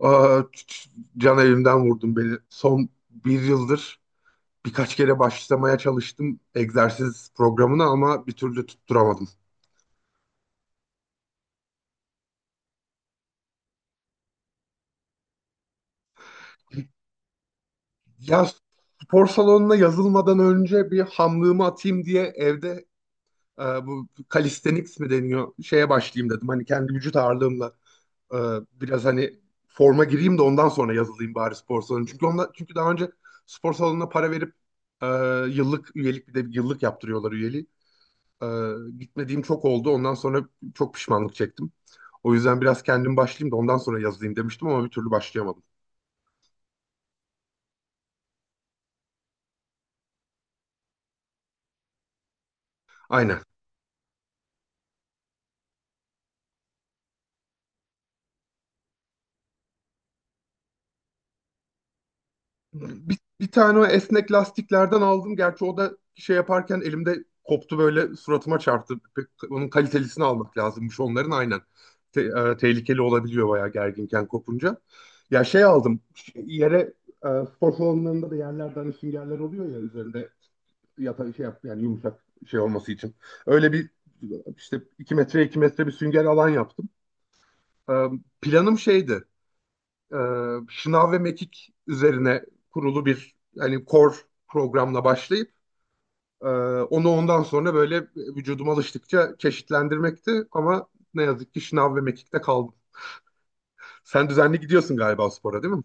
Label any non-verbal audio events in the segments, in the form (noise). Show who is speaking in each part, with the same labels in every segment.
Speaker 1: Aa, can elimden vurdun beni. Son bir yıldır birkaç kere başlamaya çalıştım egzersiz programına ama bir türlü tutturamadım. Ya spor salonuna yazılmadan önce bir hamlığımı atayım diye evde bu calisthenics mi deniyor şeye başlayayım dedim. Hani kendi vücut ağırlığımla e, biraz hani forma gireyim de ondan sonra yazılayım bari spor salonu. Çünkü daha önce spor salonuna para verip e, yıllık üyelik, bir de yıllık yaptırıyorlar üyeliği. Ee, Gitmediğim çok oldu. Ondan sonra çok pişmanlık çektim. O yüzden biraz kendim başlayayım da ondan sonra yazayım demiştim ama bir türlü başlayamadım. Aynen. Bir tane o esnek lastiklerden aldım. Gerçi o da şey yaparken elimde koptu, böyle suratıma çarptı. Onun kalitelisini almak lazımmış onların, aynen. Te- Tehlikeli olabiliyor bayağı, gerginken kopunca. Ya şey aldım. Yere e, spor salonlarında da yerlerden süngerler oluyor ya, üzerinde yata şey yap, yani yumuşak şey olması için. Öyle bir işte 2 metre 2 metre bir sünger alan yaptım. Ee, Planım şeydi. e, Şınav ve mekik üzerine kurulu bir hani core programla başlayıp e, onu ondan sonra böyle vücuduma alıştıkça çeşitlendirmekti, ama ne yazık ki şınav ve mekikte kaldım. Sen düzenli gidiyorsun galiba spora, değil mi?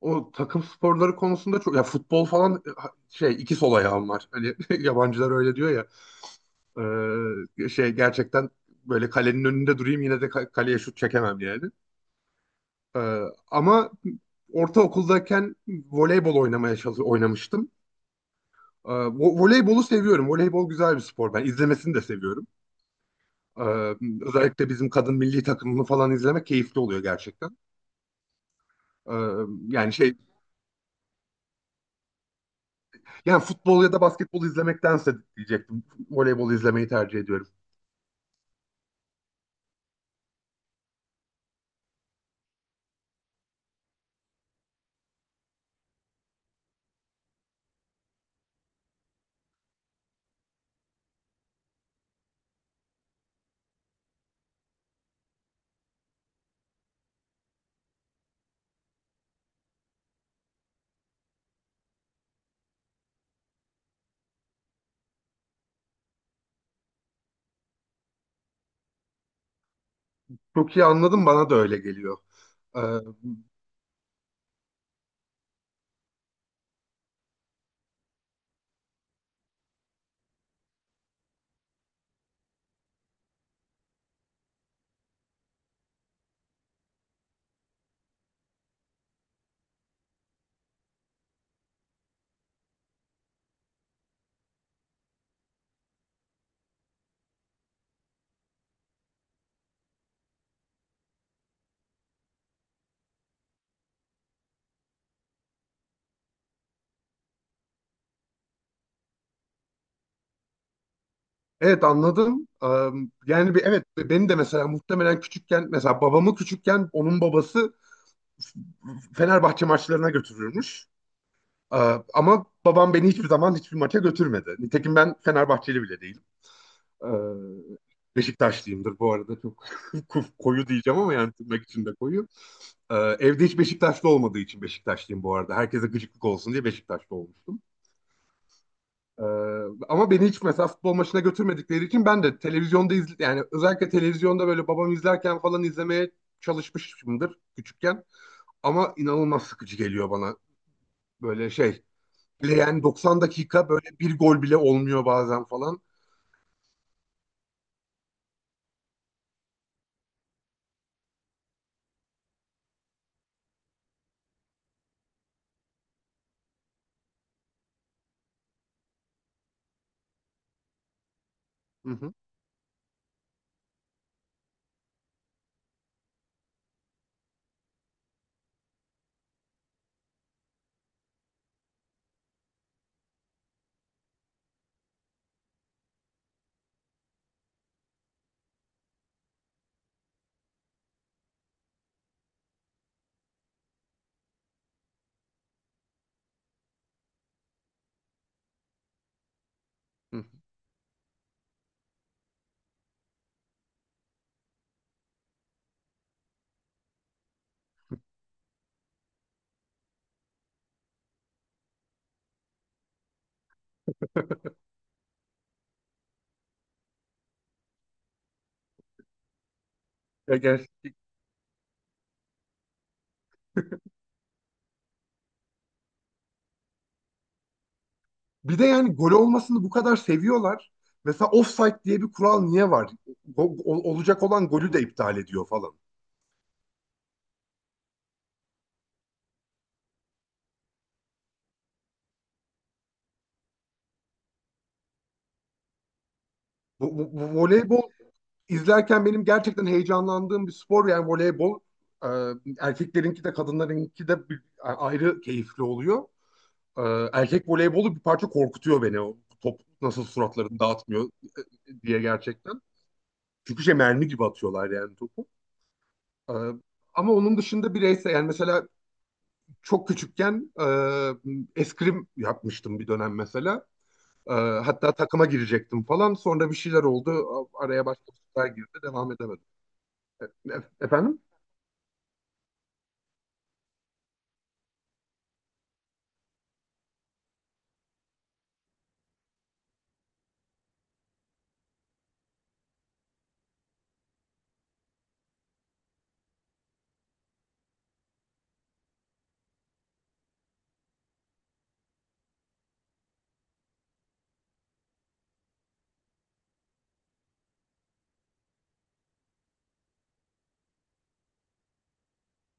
Speaker 1: O takım sporları konusunda çok, ya futbol falan, şey, iki sol ayağım var. Hani (laughs) yabancılar öyle diyor ya. Şey, gerçekten böyle kalenin önünde durayım yine de kaleye şut çekemem yani. Ee, Ama ortaokuldayken voleybol oynamaya oynamıştım. Voleybolu seviyorum. Voleybol güzel bir spor. Ben izlemesini de seviyorum. Ee, Özellikle bizim kadın milli takımını falan izlemek keyifli oluyor gerçekten. Ee, Yani şey, yani futbol ya da basketbol izlemektense diyecektim. Voleybol izlemeyi tercih ediyorum. Çok iyi anladım, bana da öyle geliyor. Evet, anladım. Yani bir, evet, beni de mesela muhtemelen küçükken, mesela babamı küçükken onun babası Fenerbahçe maçlarına götürürmüş. Aa, ama babam beni hiçbir zaman hiçbir maça götürmedi. Nitekim ben Fenerbahçeli bile değilim. Ee, Beşiktaşlıyımdır bu arada, çok (laughs) koyu diyeceğim ama yani tırnak içinde koyu. Evde hiç Beşiktaşlı olmadığı için Beşiktaşlıyım bu arada. Herkese gıcıklık olsun diye Beşiktaşlı olmuştum. Ee, Ama beni hiç mesela futbol maçına götürmedikleri için ben de televizyonda izle, yani özellikle televizyonda böyle babam izlerken falan izlemeye çalışmışımdır küçükken. Ama inanılmaz sıkıcı geliyor bana. Böyle şey, leğen 90 dakika böyle bir gol bile olmuyor bazen falan. Hı hı. Hı hı. Ya ger- Bir de yani gol olmasını bu kadar seviyorlar. Mesela offside diye bir kural niye var? Olacak olan golü de iptal ediyor falan. Bu voleybol izlerken benim gerçekten heyecanlandığım bir spor, yani voleybol. Ee, Erkeklerinki de kadınlarınki de ayrı keyifli oluyor. Erkek voleybolu bir parça korkutuyor beni. O top nasıl suratlarını dağıtmıyor diye, gerçekten. Çünkü şey, mermi gibi atıyorlar yani topu. Ee, Ama onun dışında bireysel, yani mesela çok küçükken eskrim yapmıştım bir dönem mesela. Hatta takıma girecektim falan. Sonra bir şeyler oldu. Araya başka bir şeyler girdi. Devam edemedim. Efendim?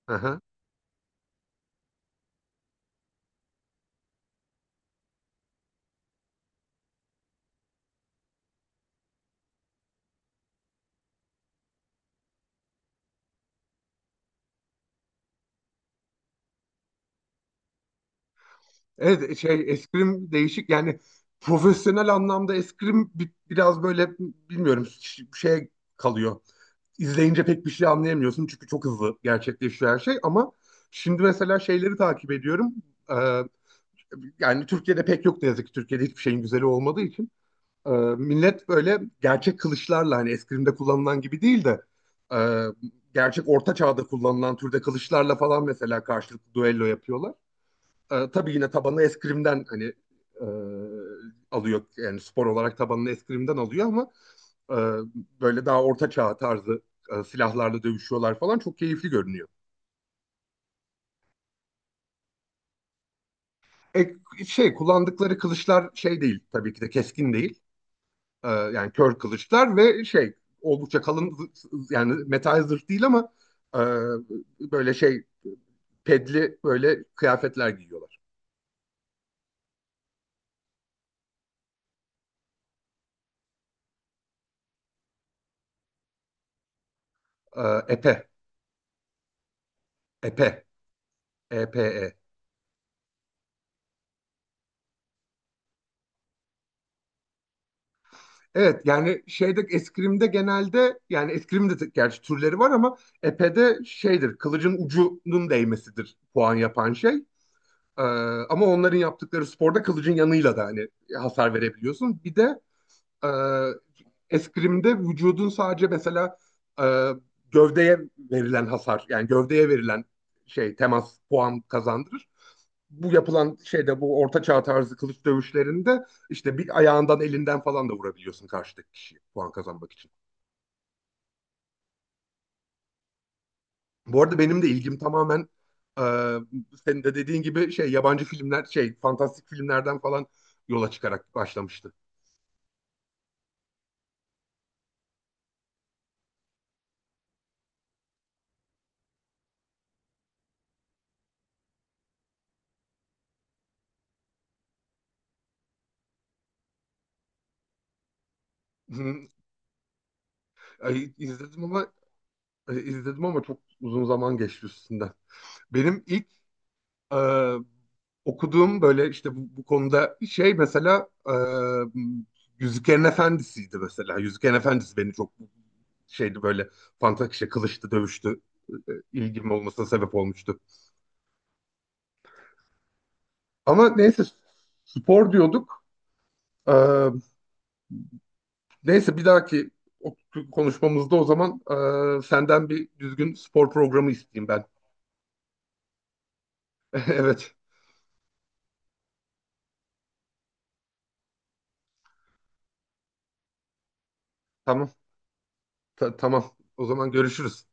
Speaker 1: Aha. Evet, şey, eskrim değişik, yani profesyonel anlamda eskrim biraz böyle bilmiyorum şey kalıyor. İzleyince pek bir şey anlayamıyorsun çünkü çok hızlı gerçekleşiyor her şey, ama şimdi mesela şeyleri takip ediyorum. Ee, Yani Türkiye'de pek yok ne yazık ki, Türkiye'de hiçbir şeyin güzeli olmadığı için. Ee, Millet böyle gerçek kılıçlarla, hani eskrimde kullanılan gibi değil de e, gerçek orta çağda kullanılan türde kılıçlarla falan mesela karşılıklı duello yapıyorlar. Tabii yine tabanını eskrimden hani e, alıyor, yani spor olarak tabanını eskrimden alıyor ama e, böyle daha orta çağ tarzı silahlarla dövüşüyorlar falan, çok keyifli görünüyor. E, Şey, kullandıkları kılıçlar şey değil tabii ki de, keskin değil. Yani kör kılıçlar ve şey, oldukça kalın yani metal zırh değil ama e, böyle şey, pedli böyle kıyafetler giyiyorlar. Epe, epe, epe. Evet, yani şeyde eskrimde genelde, yani eskrimde de gerçi türleri var ama epede şeydir, kılıcın ucunun değmesidir puan yapan şey. Ee, Ama onların yaptıkları sporda kılıcın yanıyla da hani hasar verebiliyorsun. Bir de e, eskrimde vücudun sadece mesela e, gövdeye verilen hasar, yani gövdeye verilen şey, temas puan kazandırır. Bu yapılan şeyde, bu orta çağ tarzı kılıç dövüşlerinde işte bir ayağından, elinden falan da vurabiliyorsun karşıdaki kişiye puan kazanmak için. Bu arada benim de ilgim tamamen e, senin de dediğin gibi şey, yabancı filmler, şey fantastik filmlerden falan yola çıkarak başlamıştı. Hı, ay, izledim ama çok uzun zaman geçti üstünden. Benim ilk e, okuduğum böyle işte bu konuda şey, mesela Yüzüklerin Efendisi'ydi mesela. Yüzüklerin Efendisi beni çok şeydi böyle, fantastik işte, kılıçtı, dövüştü. İlgim olmasına sebep olmuştu. Ama neyse, spor diyorduk. E, Neyse bir dahaki o- konuşmamızda o zaman senden bir düzgün spor programı isteyeyim ben. (laughs) Evet. Tamam. Tamam. O zaman görüşürüz.